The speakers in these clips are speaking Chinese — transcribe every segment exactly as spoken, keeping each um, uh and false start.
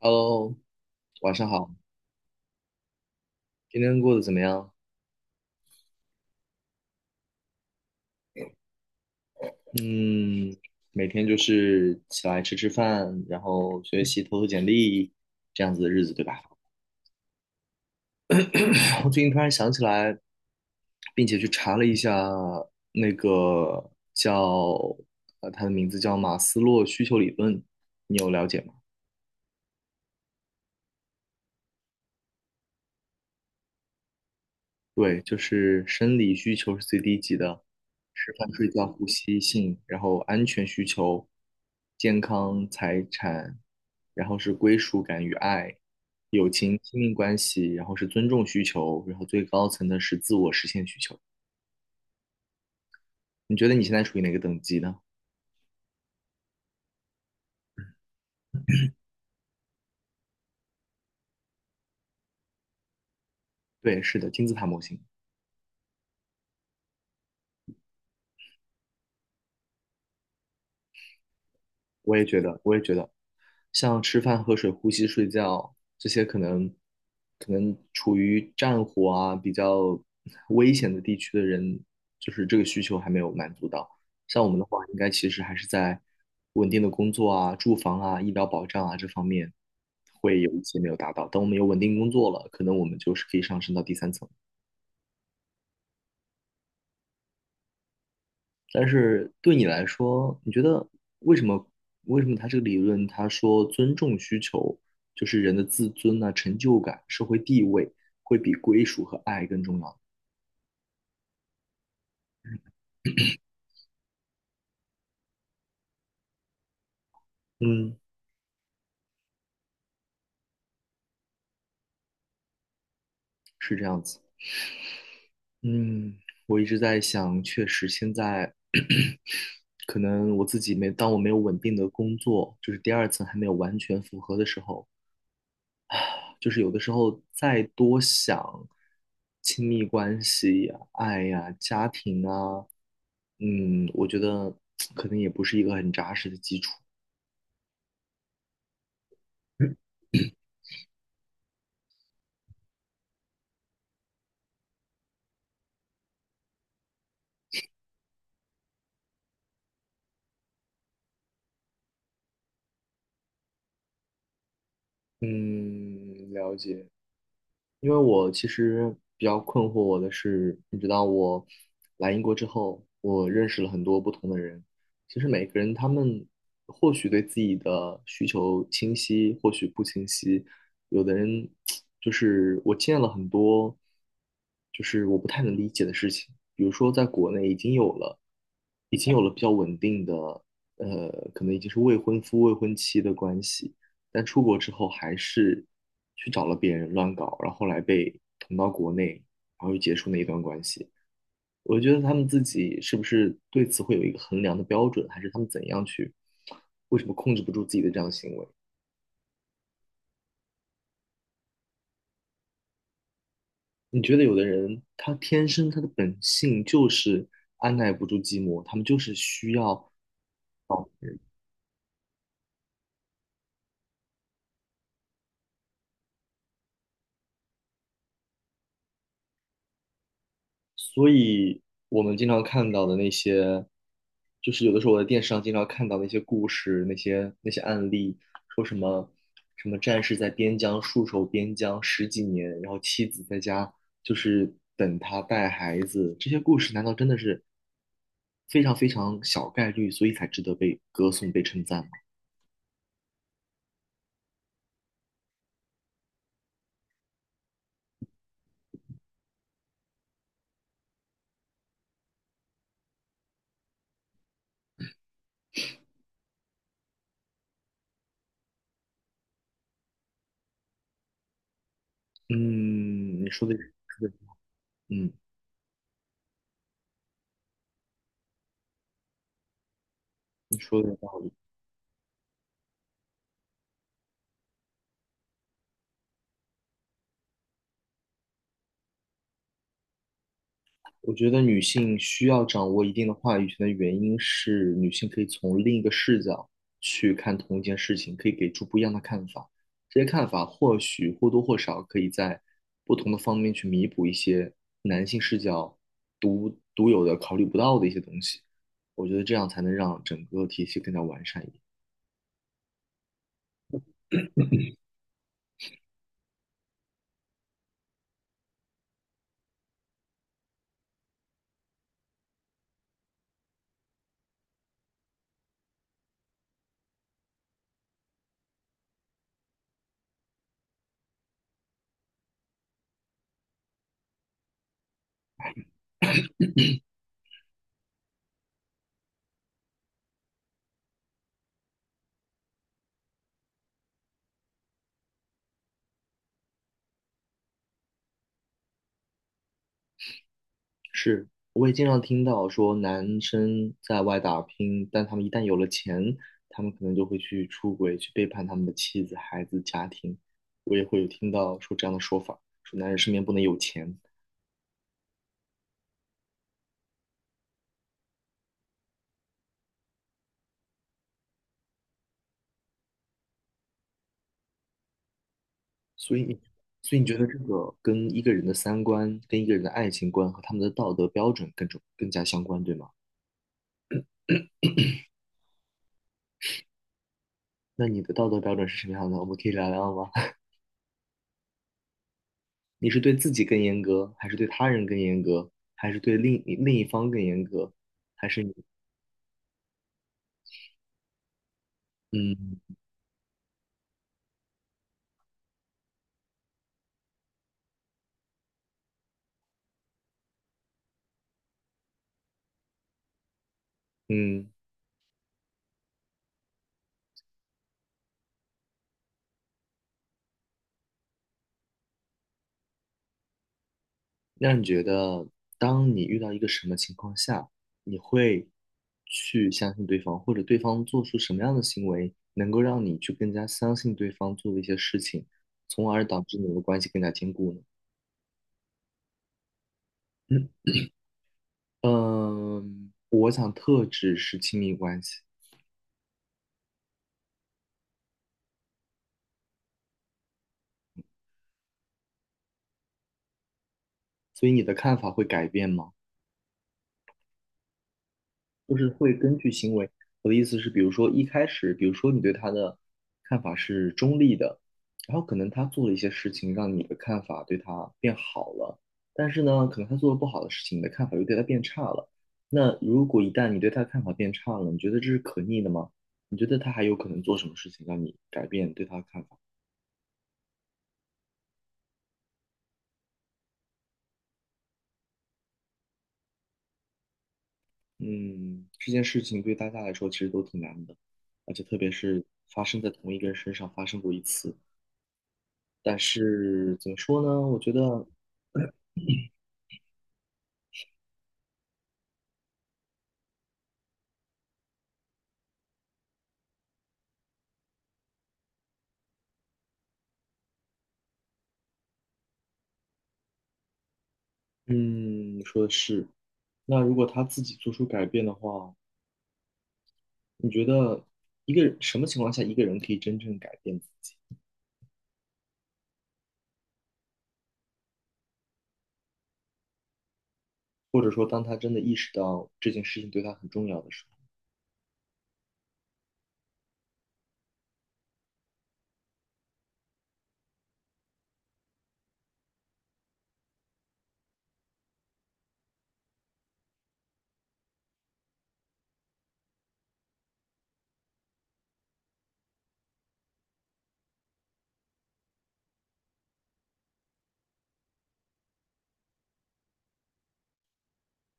Hello，晚上好，今天过得怎么样？嗯，每天就是起来吃吃饭，然后学习、投投简历，这样子的日子，对吧？我最近突然想起来，并且去查了一下那个叫呃，它的名字叫马斯洛需求理论，你有了解吗？对，就是生理需求是最低级的，吃饭、睡觉、呼吸、性，然后安全需求、健康、财产，然后是归属感与爱、友情、亲密关系，然后是尊重需求，然后最高层的是自我实现需求。你觉得你现在处于哪个等级呢？对，是的，金字塔模型。我也觉得，我也觉得，像吃饭、喝水、呼吸、睡觉这些，可能可能处于战火啊比较 危险的地区的人，就是这个需求还没有满足到。像我们的话，应该其实还是在稳定的工作啊、住房啊、医疗保障啊这方面会有一些没有达到。等我们有稳定工作了，可能我们就是可以上升到第三层。但是对你来说，你觉得为什么为什么他这个理论他说尊重需求就是人的自尊啊、成就感、社会地位会比归属和爱更重要？嗯，是这样子。嗯，我一直在想，确实现在 可能我自己没，当我没有稳定的工作，就是第二层还没有完全符合的时候，就是有的时候再多想亲密关系呀、爱呀、家庭啊，嗯，我觉得可能也不是一个很扎实的基础。嗯，了解。因为我其实比较困惑我的是，你知道我来英国之后，我认识了很多不同的人。其实每个人他们或许对自己的需求清晰，或许不清晰。有的人 就是我见了很多，就是我不太能理解的事情。比如说，在国内已经有了，已经有了比较稳定的，呃，可能已经是未婚夫、未婚妻的关系。但出国之后还是去找了别人乱搞，然后后来被捅到国内，然后又结束那一段关系。我觉得他们自己是不是对此会有一个衡量的标准，还是他们怎样去，为什么控制不住自己的这样的行为？你觉得有的人他天生他的本性就是按耐不住寂寞，他们就是需要找别人所以我们经常看到的那些，就是有的时候我在电视上经常看到那些故事，那些那些案例，说什么什么战士在边疆戍守边疆十几年，然后妻子在家就是等他带孩子，这些故事难道真的是非常非常小概率，所以才值得被歌颂、被称赞吗？嗯，你说的是，是的嗯，你说的有道理。我觉得女性需要掌握一定的话语权的原因是，女性可以从另一个视角去看同一件事情，可以给出不一样的看法。这些看法或许或多或少可以在不同的方面去弥补一些男性视角独独有的考虑不到的一些东西。我觉得这样才能让整个体系更加完善一点。是，我也经常听到说男生在外打拼，但他们一旦有了钱，他们可能就会去出轨，去背叛他们的妻子、孩子、家庭。我也会有听到说这样的说法，说男人身边不能有钱。所以你所以你觉得这个跟一个人的三观、跟一个人的爱情观和他们的道德标准更重、更加相关，对吗？那你的道德标准是什么样的？我们可以聊聊吗？你是对自己更严格，还是对他人更严格，还是对另另一方更严格，还是你？嗯，嗯，那你觉得，当你遇到一个什么情况下，你会去相信对方，或者对方做出什么样的行为，能够让你去更加相信对方做的一些事情，从而导致你们的关系更加坚固呢？嗯，嗯，我想特指是亲密关系，所以你的看法会改变吗？就是会根据行为。我的意思是，比如说一开始，比如说你对他的看法是中立的，然后可能他做了一些事情，让你的看法对他变好了，但是呢，可能他做了不好的事情，你的看法又对他变差了。那如果一旦你对他的看法变差了，你觉得这是可逆的吗？你觉得他还有可能做什么事情让你改变对他的看法？嗯，这件事情对大家来说其实都挺难的，而且特别是发生在同一个人身上发生过一次。但是怎么说呢？我觉得，嗯，你说的是。那如果他自己做出改变的话，你觉得一个人什么情况下一个人可以真正改变自己？或者说，当他真的意识到这件事情对他很重要的时候，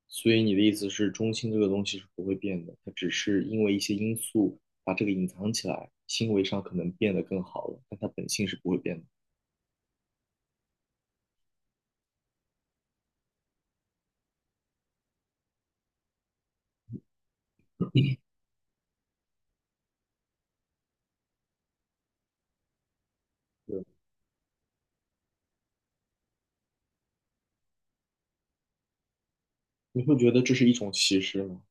所以你的意思是，中性这个东西是不会变的，它只是因为一些因素把这个隐藏起来，行为上可能变得更好了，但它本性是不会变的。对，你会觉得这是一种歧视吗？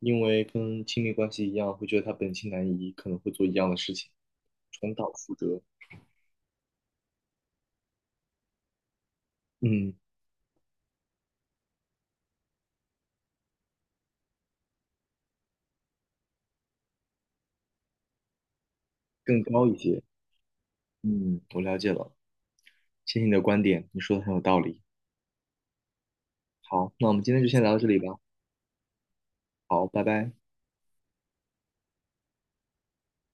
因为跟亲密关系一样，会觉得他本性难移，可能会做一样的事情，重蹈覆辙，嗯，更高一些。嗯，我了解了，谢谢你的观点，你说的很有道理。好，那我们今天就先聊到这里吧。好，拜拜。